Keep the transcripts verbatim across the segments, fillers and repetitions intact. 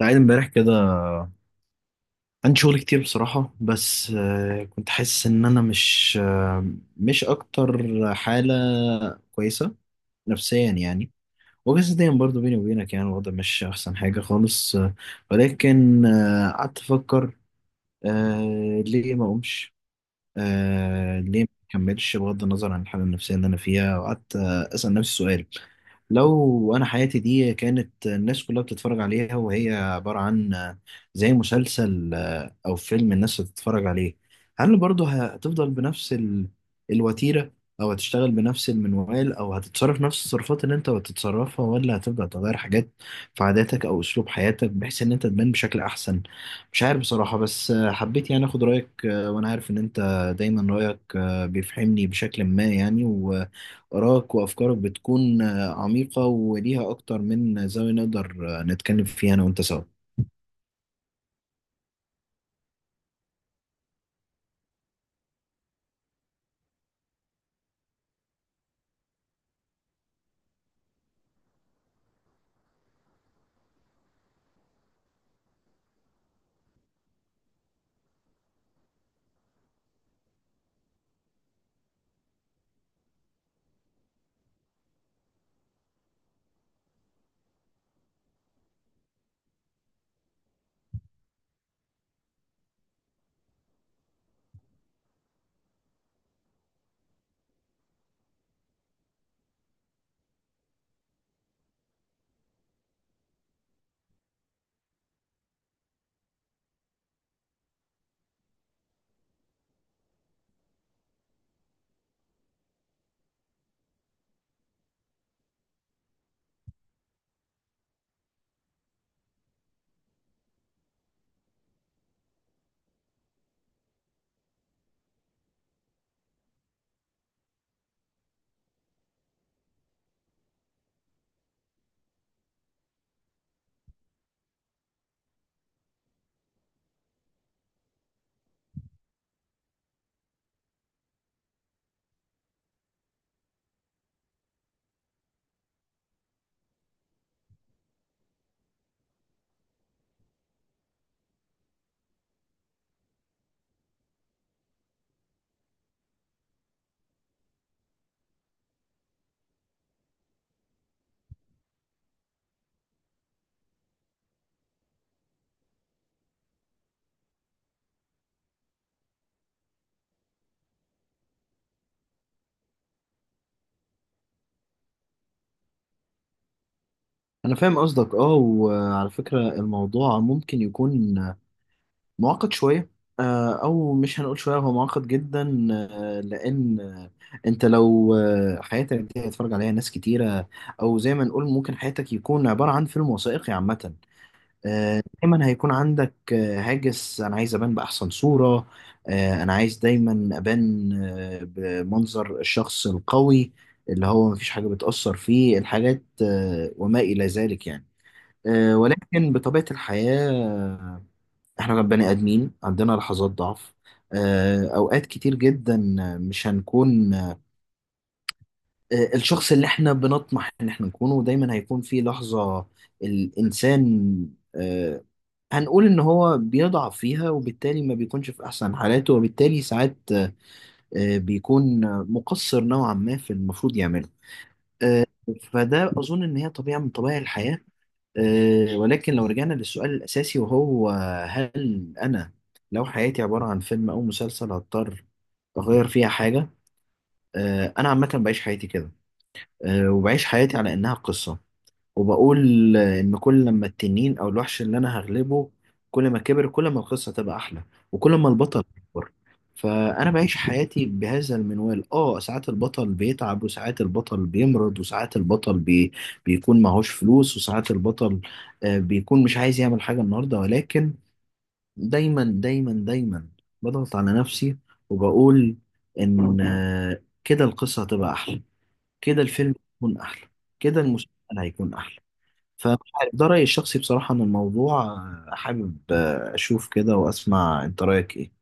قاعد امبارح كده، عندي شغل كتير بصراحة بس آه، كنت حاسس ان انا مش آه، مش اكتر حالة كويسة نفسيا يعني، وجسديا برضو بيني وبينك يعني الوضع مش احسن حاجة خالص آه، ولكن آه، قعدت افكر آه، ليه ما اقومش، آه، ليه ما اكملش بغض النظر عن الحالة النفسية اللي انا فيها. وقعدت آه، اسأل نفسي سؤال: لو انا حياتي دي كانت الناس كلها بتتفرج عليها وهي عبارة عن زي مسلسل آه، او فيلم الناس بتتفرج عليه، هل برضه هتفضل بنفس ال- الوتيرة، او هتشتغل بنفس المنوال، او هتتصرف نفس التصرفات اللي انت بتتصرفها، ولا هتبدأ تغير حاجات في عاداتك او اسلوب حياتك بحيث ان انت تبان بشكل احسن؟ مش عارف بصراحة، بس حبيت يعني اخد رأيك آه، وانا عارف ان انت دايما رأيك آه، بيفهمني بشكل ما يعني، و آرائك وأفكارك بتكون عميقة وليها أكتر من زاوية نقدر نتكلم فيها أنا وأنت سوا. أنا فاهم قصدك أه، وعلى فكرة الموضوع ممكن يكون معقد شوية، آه، أو مش هنقول شوية، هو معقد جدا آه، لأن آه، أنت لو آه، حياتك دي هيتفرج عليها ناس كتيرة، أو زي ما نقول ممكن حياتك يكون عبارة عن فيلم وثائقي عامة، آه، دايما هيكون عندك آه، هاجس: انا عايز ابان باحسن صورة، آه، انا عايز دايما ابان آه، بمنظر الشخص القوي اللي هو مفيش حاجة بتأثر فيه الحاجات آه، وما إلى ذلك يعني. آه، ولكن بطبيعة الحياة آه، احنا بني آدمين عندنا لحظات ضعف، آه، أوقات كتير جدا مش هنكون آه، الشخص اللي احنا بنطمح ان احنا نكونه، دايما هيكون في لحظة الإنسان آه، هنقول ان هو بيضعف فيها، وبالتالي ما بيكونش في احسن حالاته، وبالتالي ساعات آه، بيكون مقصر نوعا ما في المفروض يعمله. آه، فده اظن ان هي طبيعة من طبيعة الحياة. آه، ولكن لو رجعنا للسؤال الاساسي، وهو هل انا لو حياتي عبارة عن فيلم او مسلسل هضطر اغير فيها حاجة؟ آه، انا عامة بعيش حياتي كده، آه، وبعيش حياتي على انها قصة، وبقول إن كل لما التنين أو الوحش اللي أنا هغلبه كل ما كبر، كل ما القصة تبقى أحلى، وكل ما البطل يكبر. فأنا بعيش حياتي بهذا المنوال. آه ساعات البطل بيتعب، وساعات البطل بيمرض، وساعات البطل بي... بيكون معهوش فلوس، وساعات البطل آه، بيكون مش عايز يعمل حاجة النهاردة، ولكن دايما دايما دايما بضغط على نفسي وبقول إن آه، كده القصة هتبقى أحلى، كده الفيلم هيكون أحلى، كده المسلسل هيكون أحلى. فمش عارف، ده رأيي الشخصي بصراحة عن الموضوع. آه، حابب آه، أشوف كده وأسمع أنت رأيك إيه.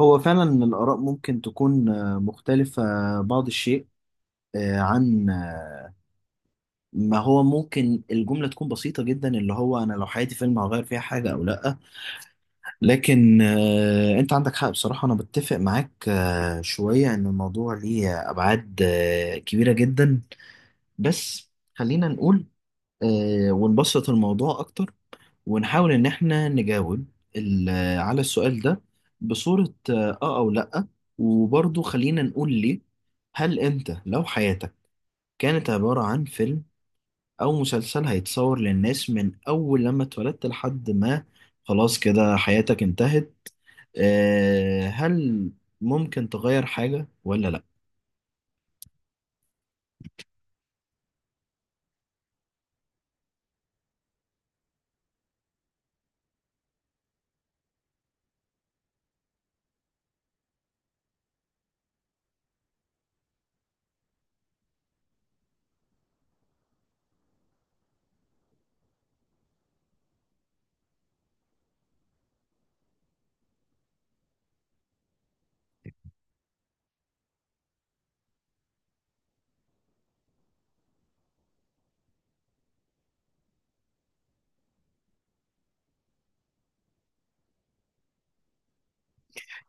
هو فعلا الآراء ممكن تكون آه، مختلفة بعض الشيء آه، عن آه، ما هو ممكن الجملة تكون بسيطة جدا اللي هو أنا لو حياتي فيلم هغير فيها حاجة أو لأ، لكن آه، أنت عندك حق بصراحة، أنا بتفق معاك آه، شوية إن الموضوع ليه أبعاد آه، كبيرة جدا. بس خلينا نقول آه، ونبسط الموضوع أكتر، ونحاول إن إحنا نجاوب ال- على السؤال ده بصورة آه آه أو لأ، وبرضه خلينا نقول ليه. هل أنت لو حياتك كانت عبارة عن فيلم أو مسلسل هيتصور للناس من أول لما اتولدت لحد ما خلاص كده حياتك انتهت، آه هل ممكن تغير حاجة ولا لأ؟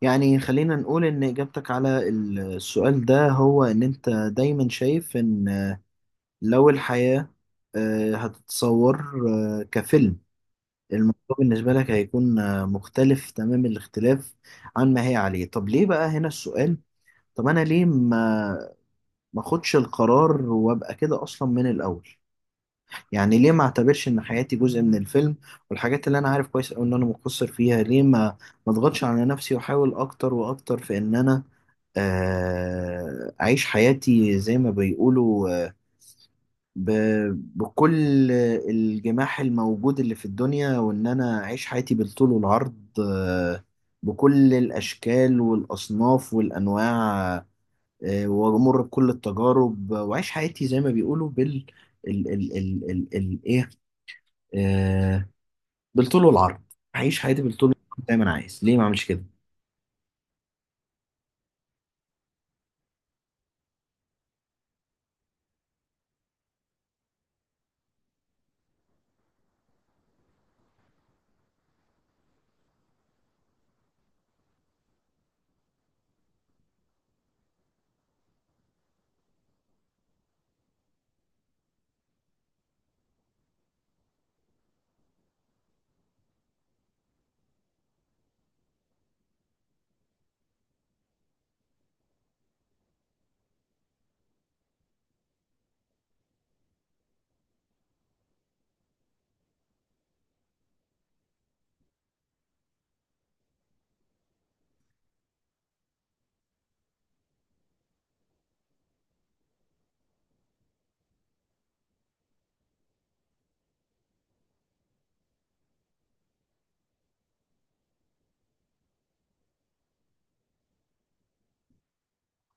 يعني خلينا نقول إن إجابتك على السؤال ده هو إن أنت دايما شايف إن لو الحياة آه، هتتصور آه، كفيلم، الموضوع بالنسبة لك هيكون آه، مختلف تمام الاختلاف عن ما هي عليه. طب ليه بقى هنا السؤال؟ طب أنا ليه ما ما أخدش القرار وأبقى كده أصلا من الأول؟ يعني ليه ما أعتبرش إن حياتي جزء من الفيلم، والحاجات اللي أنا عارف كويس أوي إن أنا مقصر فيها ليه ما ما أضغطش على نفسي وأحاول أكتر وأكتر في إن أنا آه، أعيش حياتي زي ما بيقولوا آه، ب... بكل الجماح الموجود اللي في الدنيا، وإن أنا أعيش حياتي بالطول والعرض، آه، بكل الأشكال والأصناف والأنواع، آه، وأمر بكل التجارب، وأعيش حياتي زي ما بيقولوا بال ال ال ال ال ال إيه آه، بالطول والعرض. أعيش حياتي بالطول والعرض زي ما أنا عايز، ليه ما أعملش كده؟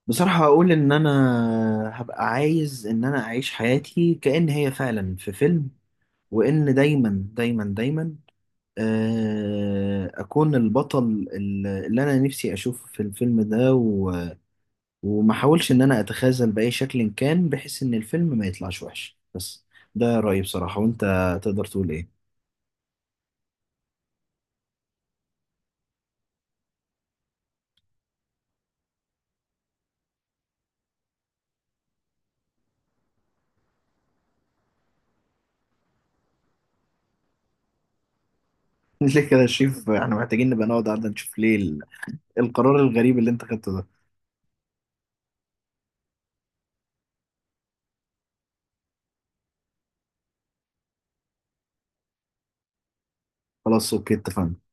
بصراحة أقول إن أنا هبقى عايز إن أنا أعيش حياتي كأن هي فعلا في فيلم، وإن دايما دايما دايما آه، اكون البطل ال- اللي انا نفسي اشوفه في الفيلم ده، و وما احاولش ان انا اتخاذل باي شكل كان بحيث ان الفيلم ما يطلعش وحش. بس ده رايي بصراحه، وانت تقدر تقول ايه؟ ليه كده يا شريف؟ احنا محتاجين نبقى نقعد قعده نشوف ليه ال- القرار الغريب اللي انت خدته ده. خلاص اوكي، اتفقنا.